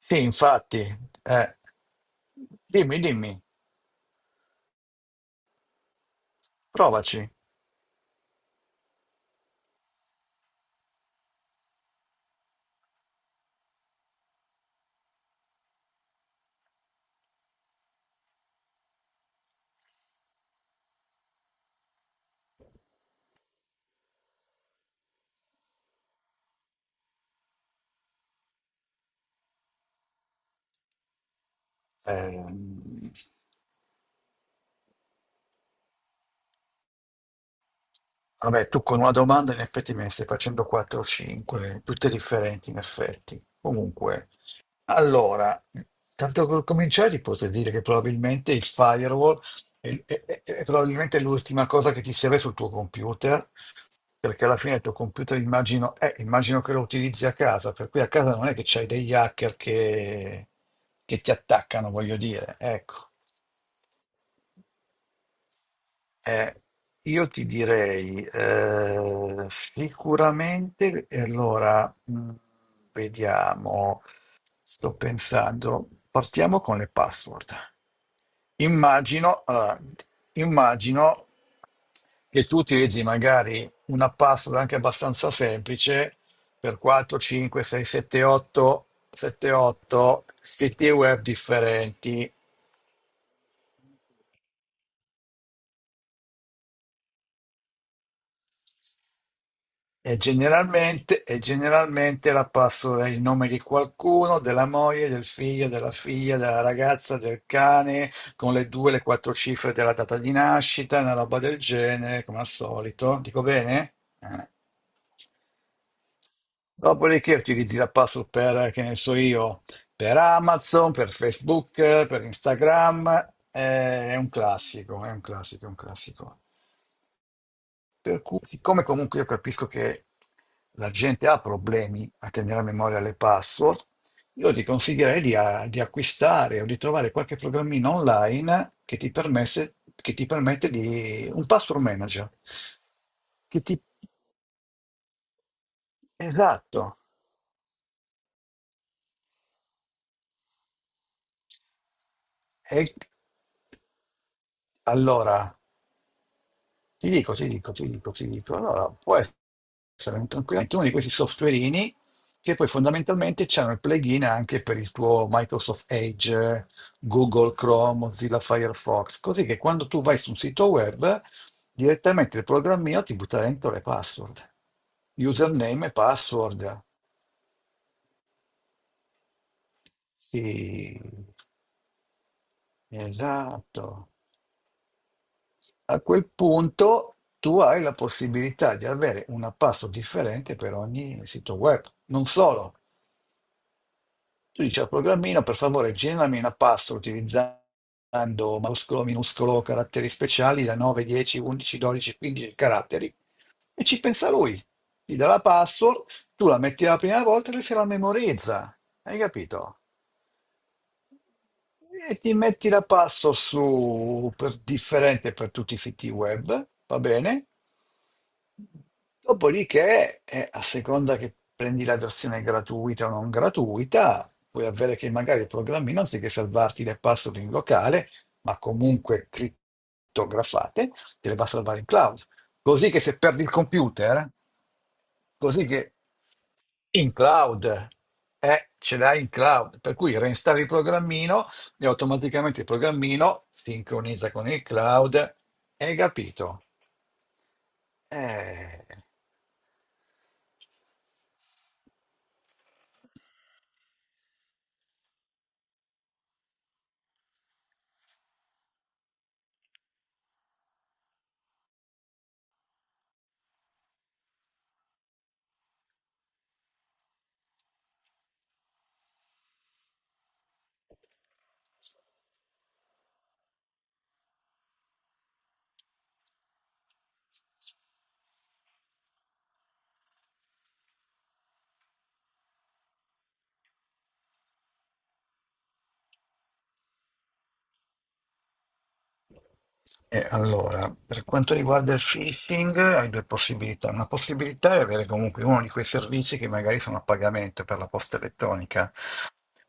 Sì, infatti, eh, dimmi, dimmi, provaci. Ehm, vabbè, tu con una domanda in effetti me ne stai facendo 4 o 5, tutte differenti in effetti. Comunque, allora, tanto per cominciare ti posso dire che probabilmente il firewall è probabilmente l'ultima cosa che ti serve sul tuo computer, perché alla fine il tuo computer immagino che lo utilizzi a casa, per cui a casa non è che c'hai degli hacker che ti attaccano, voglio dire, ecco. Eh, io ti direi sicuramente, e allora vediamo, sto pensando, partiamo con le password. Allora, immagino che tu utilizzi magari una password anche abbastanza semplice per 4, 5, 6, 7, 8, 7, 8 siti web differenti. E generalmente la password è il nome di qualcuno, della moglie, del figlio, della figlia, della ragazza, del cane, con le due, le quattro cifre della data di nascita, una roba del genere, come al solito. Dico bene? Dopodiché utilizzi la password per, che ne so io, per Amazon, per Facebook, per Instagram. È un classico, è un classico, è un classico. Per cui, siccome comunque io capisco che la gente ha problemi a tenere a memoria le password, io ti consiglierei di acquistare o di trovare qualche programmino online che ti permette di un password manager. Che ti, esatto. E, allora, ti dico, ti dico, ti dico, ti dico. Allora, può essere tranquillamente uno di questi softwareini che poi fondamentalmente c'hanno il plugin anche per il tuo Microsoft Edge, Google Chrome, Mozilla Firefox, così che quando tu vai su un sito web, direttamente il programmino ti butta dentro le password, username e password. Sì, esatto. A quel punto tu hai la possibilità di avere una password differente per ogni sito web. Non solo, tu dici al programmino, per favore, generami una password utilizzando maiuscolo, minuscolo, caratteri speciali da 9, 10, 11, 12, 15 caratteri. E ci pensa lui. Ti dà la password, tu la metti la prima volta e lui se la memorizza. Hai capito? E ti metti la password differente per tutti i siti web, va bene? Dopodiché, a seconda che prendi la versione gratuita o non gratuita, puoi avere che magari il programmino, anziché salvarti le password in locale, ma comunque crittografate, te le va a salvare in cloud. Così che se perdi il computer, così che in cloud, ce l'hai in cloud, per cui reinstalli il programmino e automaticamente il programmino sincronizza con il cloud. Hai capito? Eh. E allora, per quanto riguarda il phishing, hai due possibilità. Una possibilità è avere comunque uno di quei servizi che magari sono a pagamento per la posta elettronica,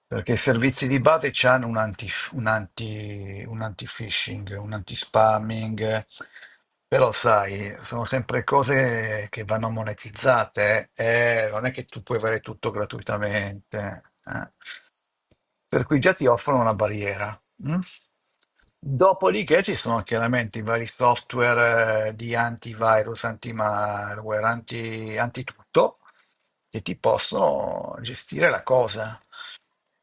perché i servizi di base hanno un anti-phishing, un anti-spamming, però sai, sono sempre cose che vanno monetizzate, non è che tu puoi avere tutto gratuitamente. eh. Per cui già ti offrono una barriera. Mm? Dopodiché ci sono chiaramente i vari software di antivirus, antimalware, antitutto, che ti possono gestire la cosa,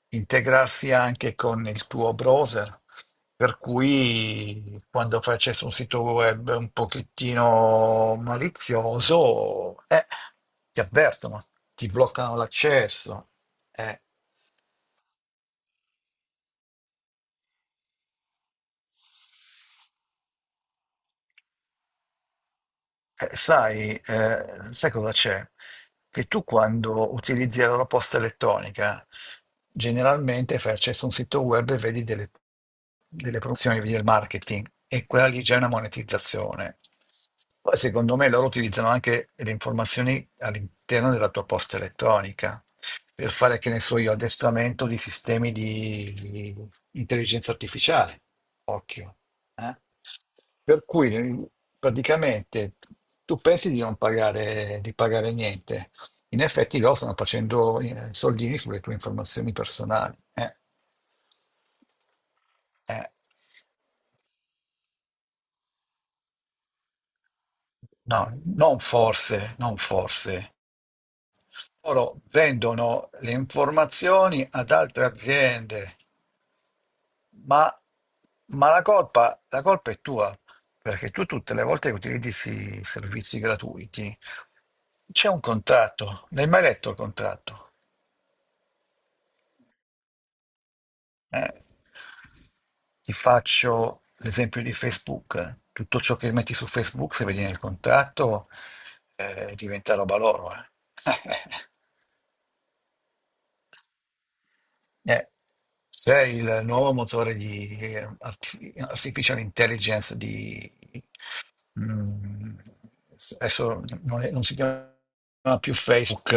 integrarsi anche con il tuo browser, per cui quando fai accesso a un sito web un pochettino malizioso, ti avvertono, ti bloccano l'accesso. eh. Sai cosa c'è? Che tu quando utilizzi la loro posta elettronica, generalmente fai accesso a un sito web e vedi delle promozioni, vedi il marketing, e quella lì già è una monetizzazione. Poi secondo me loro utilizzano anche le informazioni all'interno della tua posta elettronica per fare, che ne so io, addestramento di sistemi di intelligenza artificiale. Occhio. eh. Per cui praticamente tu pensi di non pagare, di pagare niente. In effetti loro stanno facendo soldini sulle tue informazioni personali. Eh. No, non forse, non forse. Loro vendono le informazioni ad altre aziende, ma, ma la colpa è tua, perché tu tutte le volte che utilizzi servizi gratuiti c'è un contratto. L'hai mai letto il contratto? Eh? Ti faccio l'esempio di Facebook. Tutto ciò che metti su Facebook, se vedi nel contratto, diventa roba loro. Eh, Sei il nuovo motore di artificial intelligence di... mm, adesso non si chiama più Facebook,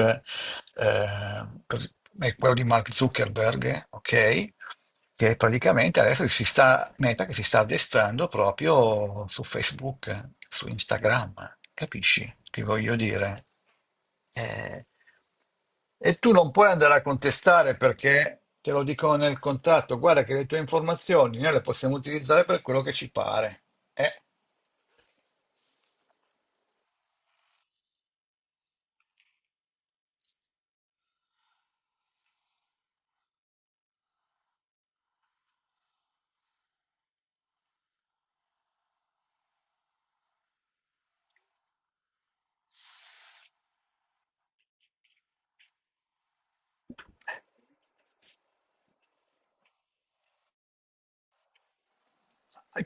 eh, cos- è quello di Mark Zuckerberg, ok? Che praticamente adesso si sta, Meta che si sta addestrando proprio su Facebook, su Instagram, capisci che voglio dire? Eh, e tu non puoi andare a contestare perché te lo dicono nel contratto, guarda che le tue informazioni noi le possiamo utilizzare per quello che ci pare. Eh,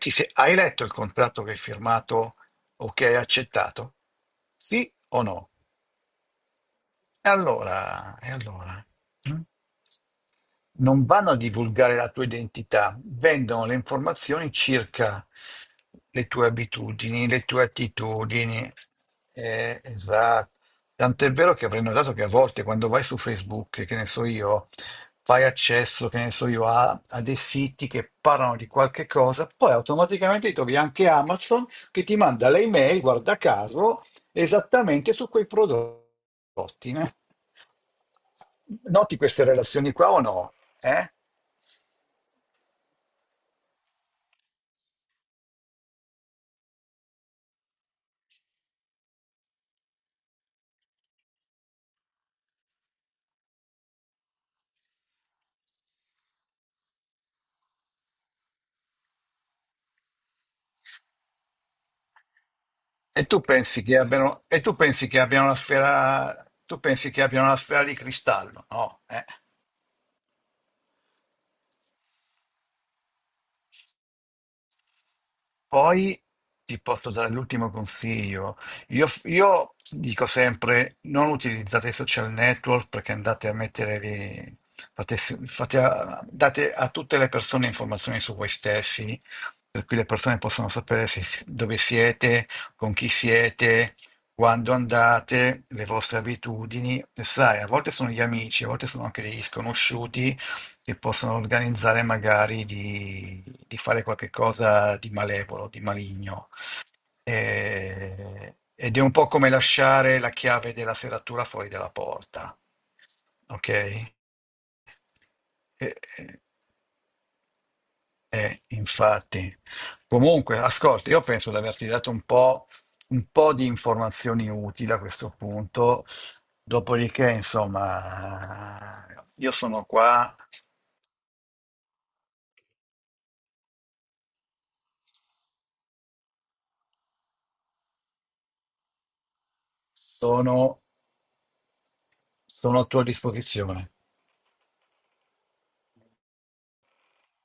hai letto il contratto che hai firmato o che hai accettato? Sì o no? E allora, e allora? Mm? Non vanno a divulgare la tua identità, vendono le informazioni circa le tue abitudini, le tue attitudini. Esatto. Tant'è vero che avrei notato che a volte quando vai su Facebook, che ne so io, fai accesso, che ne so io, a dei siti che parlano di qualche cosa, poi automaticamente trovi anche Amazon che ti manda le email, guarda caso, esattamente su quei prodotti. Né? Noti queste relazioni qua o no? Eh? E tu pensi che abbiano, e tu pensi che abbiano una sfera, tu pensi che abbiano una sfera di cristallo? No, eh? Poi ti posso dare l'ultimo consiglio. Io dico sempre: non utilizzate i social network perché andate a mettere lì, date a tutte le persone informazioni su voi stessi, per cui le persone possono sapere dove siete, con chi siete, quando andate, le vostre abitudini. E sai, a volte sono gli amici, a volte sono anche degli sconosciuti che possono organizzare magari di fare qualche cosa di malevolo, di maligno. Ed è un po' come lasciare la chiave della serratura fuori dalla porta. Ok? Eh, infatti. Comunque, ascolta, io penso di averti dato un po' di informazioni utili a questo punto. Dopodiché, insomma, io sono qua, sono sono a tua disposizione.